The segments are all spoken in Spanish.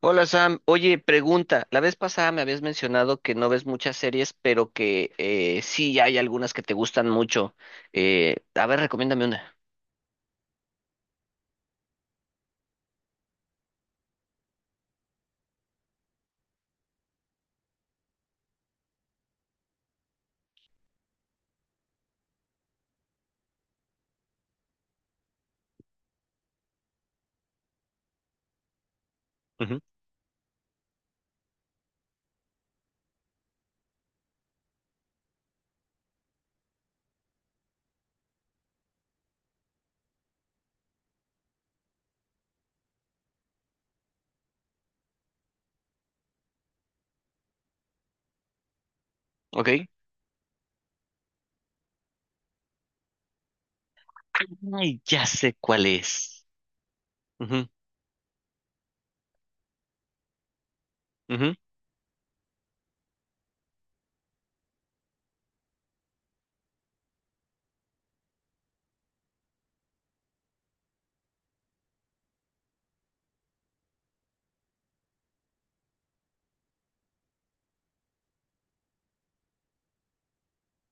Hola Sam, oye, pregunta, la vez pasada me habías mencionado que no ves muchas series, pero que sí hay algunas que te gustan mucho. A ver, recomiéndame una. Ujú. Ok. Ay, ya sé cuál es.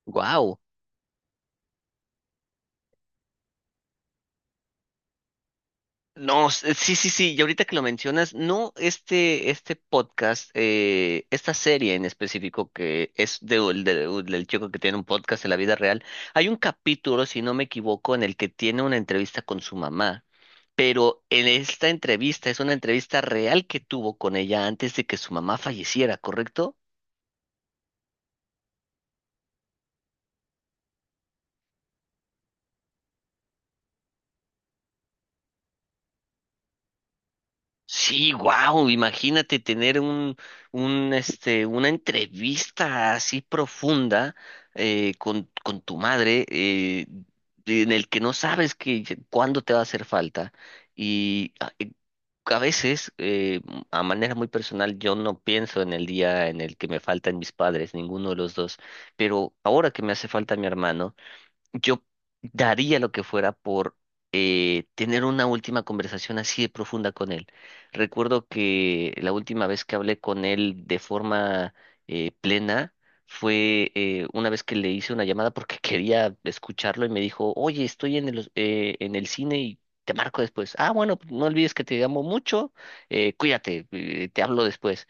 Wow. No, sí, sí, sí, y ahorita que lo mencionas, no este podcast, esta serie en específico que es del chico que tiene un podcast en la vida real, hay un capítulo, si no me equivoco, en el que tiene una entrevista con su mamá, pero en esta entrevista es una entrevista real que tuvo con ella antes de que su mamá falleciera, ¿correcto? Sí, wow, imagínate tener una entrevista así profunda con tu madre, en el que no sabes cuándo te va a hacer falta. Y a, eh, a veces, a manera muy personal, yo no pienso en el día en el que me faltan mis padres, ninguno de los dos, pero ahora que me hace falta mi hermano. Yo daría lo que fuera por tener una última conversación así de profunda con él. Recuerdo que la última vez que hablé con él de forma plena fue una vez que le hice una llamada porque quería escucharlo y me dijo, oye, estoy en el cine y te marco después. Ah, bueno, no olvides que te amo mucho, cuídate, te hablo después.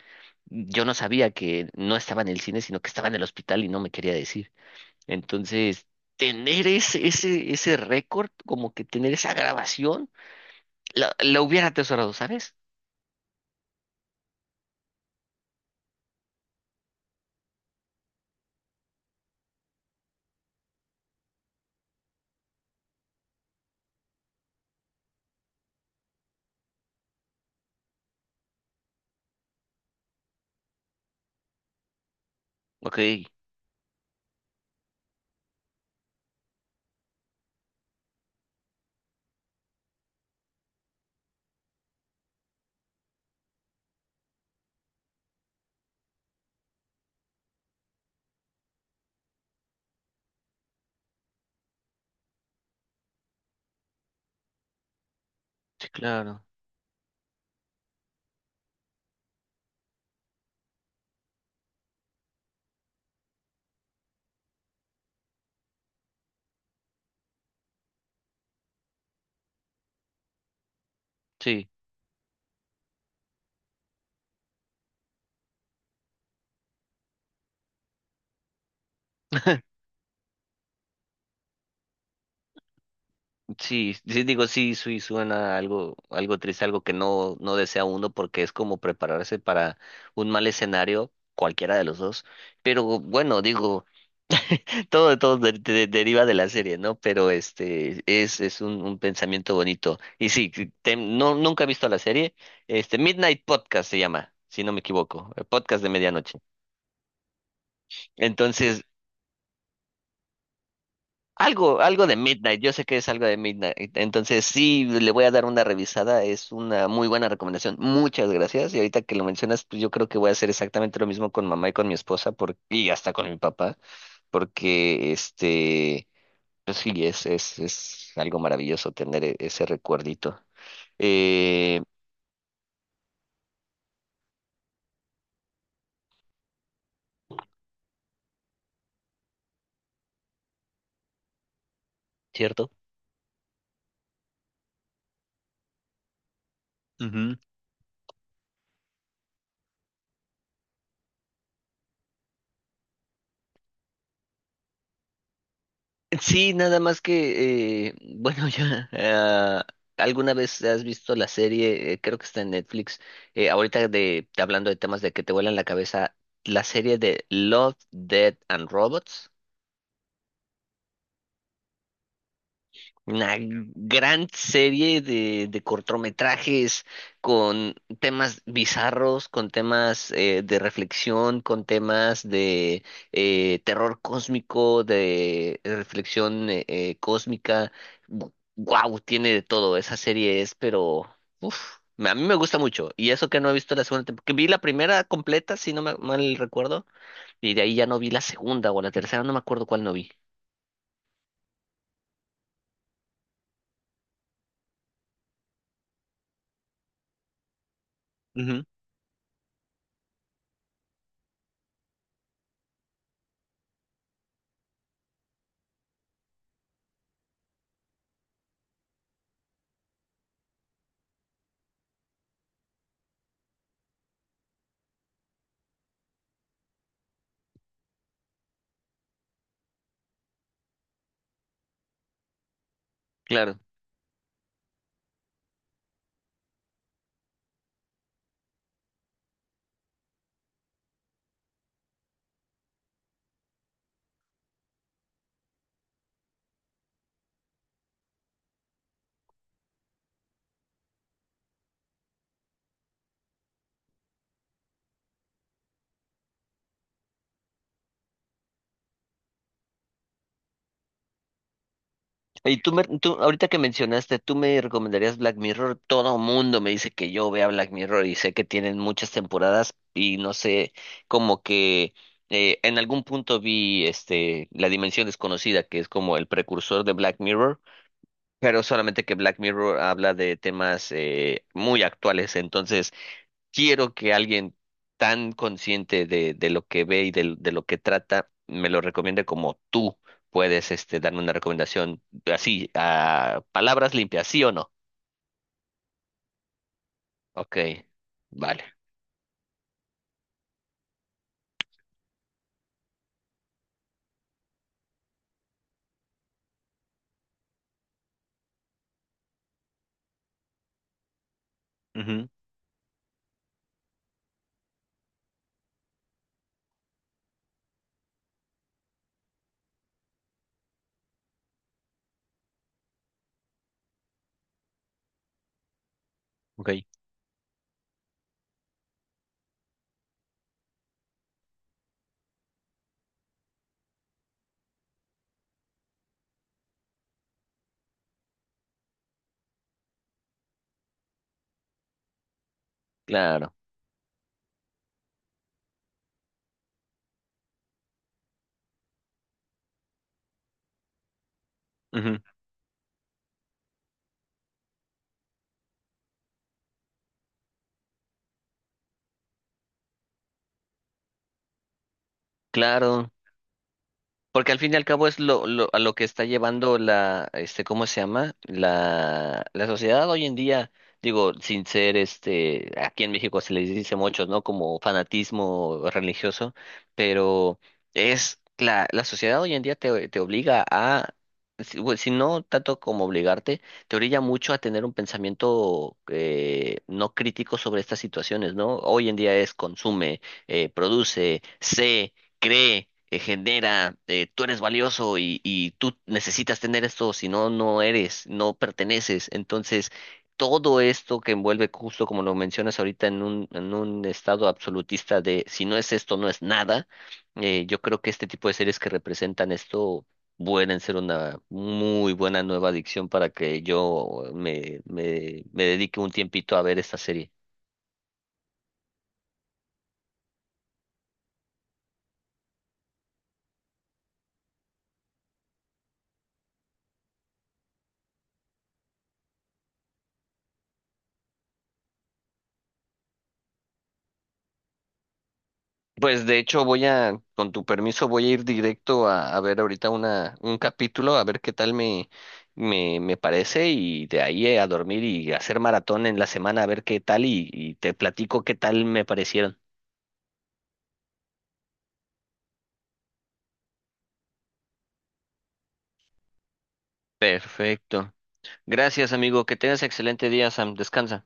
Yo no sabía que no estaba en el cine, sino que estaba en el hospital y no me quería decir. Entonces, tener ese récord, como que tener esa grabación, la hubiera atesorado, ¿sabes? Ok, sí, claro, sí. Sí, sí, digo, sí, sí, suena algo triste, algo que no desea uno, porque es como prepararse para un mal escenario, cualquiera de los dos. Pero bueno, digo, deriva de la serie, ¿no? Pero este es un pensamiento bonito. Y sí, no, nunca he visto la serie. Este, Midnight Podcast se llama, si no me equivoco. El podcast de medianoche. Entonces, algo de Midnight. Yo sé que es algo de Midnight. Entonces, sí, le voy a dar una revisada. Es una muy buena recomendación. Muchas gracias. Y ahorita que lo mencionas, pues yo creo que voy a hacer exactamente lo mismo con mamá y con mi esposa por, y hasta con mi papá. Porque este. Pero sí, es algo maravilloso tener ese recuerdito. Eh, ¿Cierto? Ujú. Sí, nada más que, bueno, ya, ah, ¿alguna vez has visto la serie? Creo que está en Netflix. Ahorita hablando de temas de que te vuelan la cabeza, la serie de Love, Dead and Robots. Una gran serie de cortometrajes con temas bizarros, con temas de reflexión, con temas de terror cósmico, de reflexión cósmica. Wow, tiene de todo. Esa serie es, pero uf, a mí me gusta mucho. Y eso que no he visto la segunda temporada, que vi la primera completa, si no me mal recuerdo, y de ahí ya no vi la segunda o la tercera, no me acuerdo cuál no vi. Ujú. Claro. Ahorita que mencionaste, tú me recomendarías Black Mirror. Todo mundo me dice que yo vea Black Mirror y sé que tienen muchas temporadas y no sé, como que en algún punto vi este La Dimensión Desconocida, que es como el precursor de Black Mirror, pero solamente que Black Mirror habla de temas muy actuales. Entonces, quiero que alguien tan consciente de lo que ve y de lo que trata me lo recomiende como tú puedes este, darme una recomendación así, a palabras limpias, ¿sí o no? Ok, vale. Ujú. Ok. Claro. Ujú. Claro. Porque al fin y al cabo es a lo que está llevando la, este, ¿cómo se llama? La sociedad hoy en día, digo, sin ser este, aquí en México se les dice muchos, ¿no? Como fanatismo religioso, pero es la sociedad hoy en día te obliga a, si, bueno, si no tanto como obligarte, te orilla mucho a tener un pensamiento no crítico sobre estas situaciones, ¿no? Hoy en día es consume, produce, sé cree, genera, tú eres valioso y tú necesitas tener esto, si no, no eres, no perteneces. Entonces, todo esto que envuelve, justo como lo mencionas ahorita, en en un estado absolutista de si no es esto, no es nada, yo creo que este tipo de series que representan esto pueden ser una muy buena nueva adicción para que yo me dedique un tiempito a ver esta serie. Pues de hecho voy a, con tu permiso, voy a ir directo a ver ahorita un capítulo, a ver qué tal me parece y de ahí a dormir y hacer maratón en la semana, a ver qué tal y te platico qué tal me parecieron. Perfecto. Gracias, amigo. Que tengas excelente día, Sam. Descansa.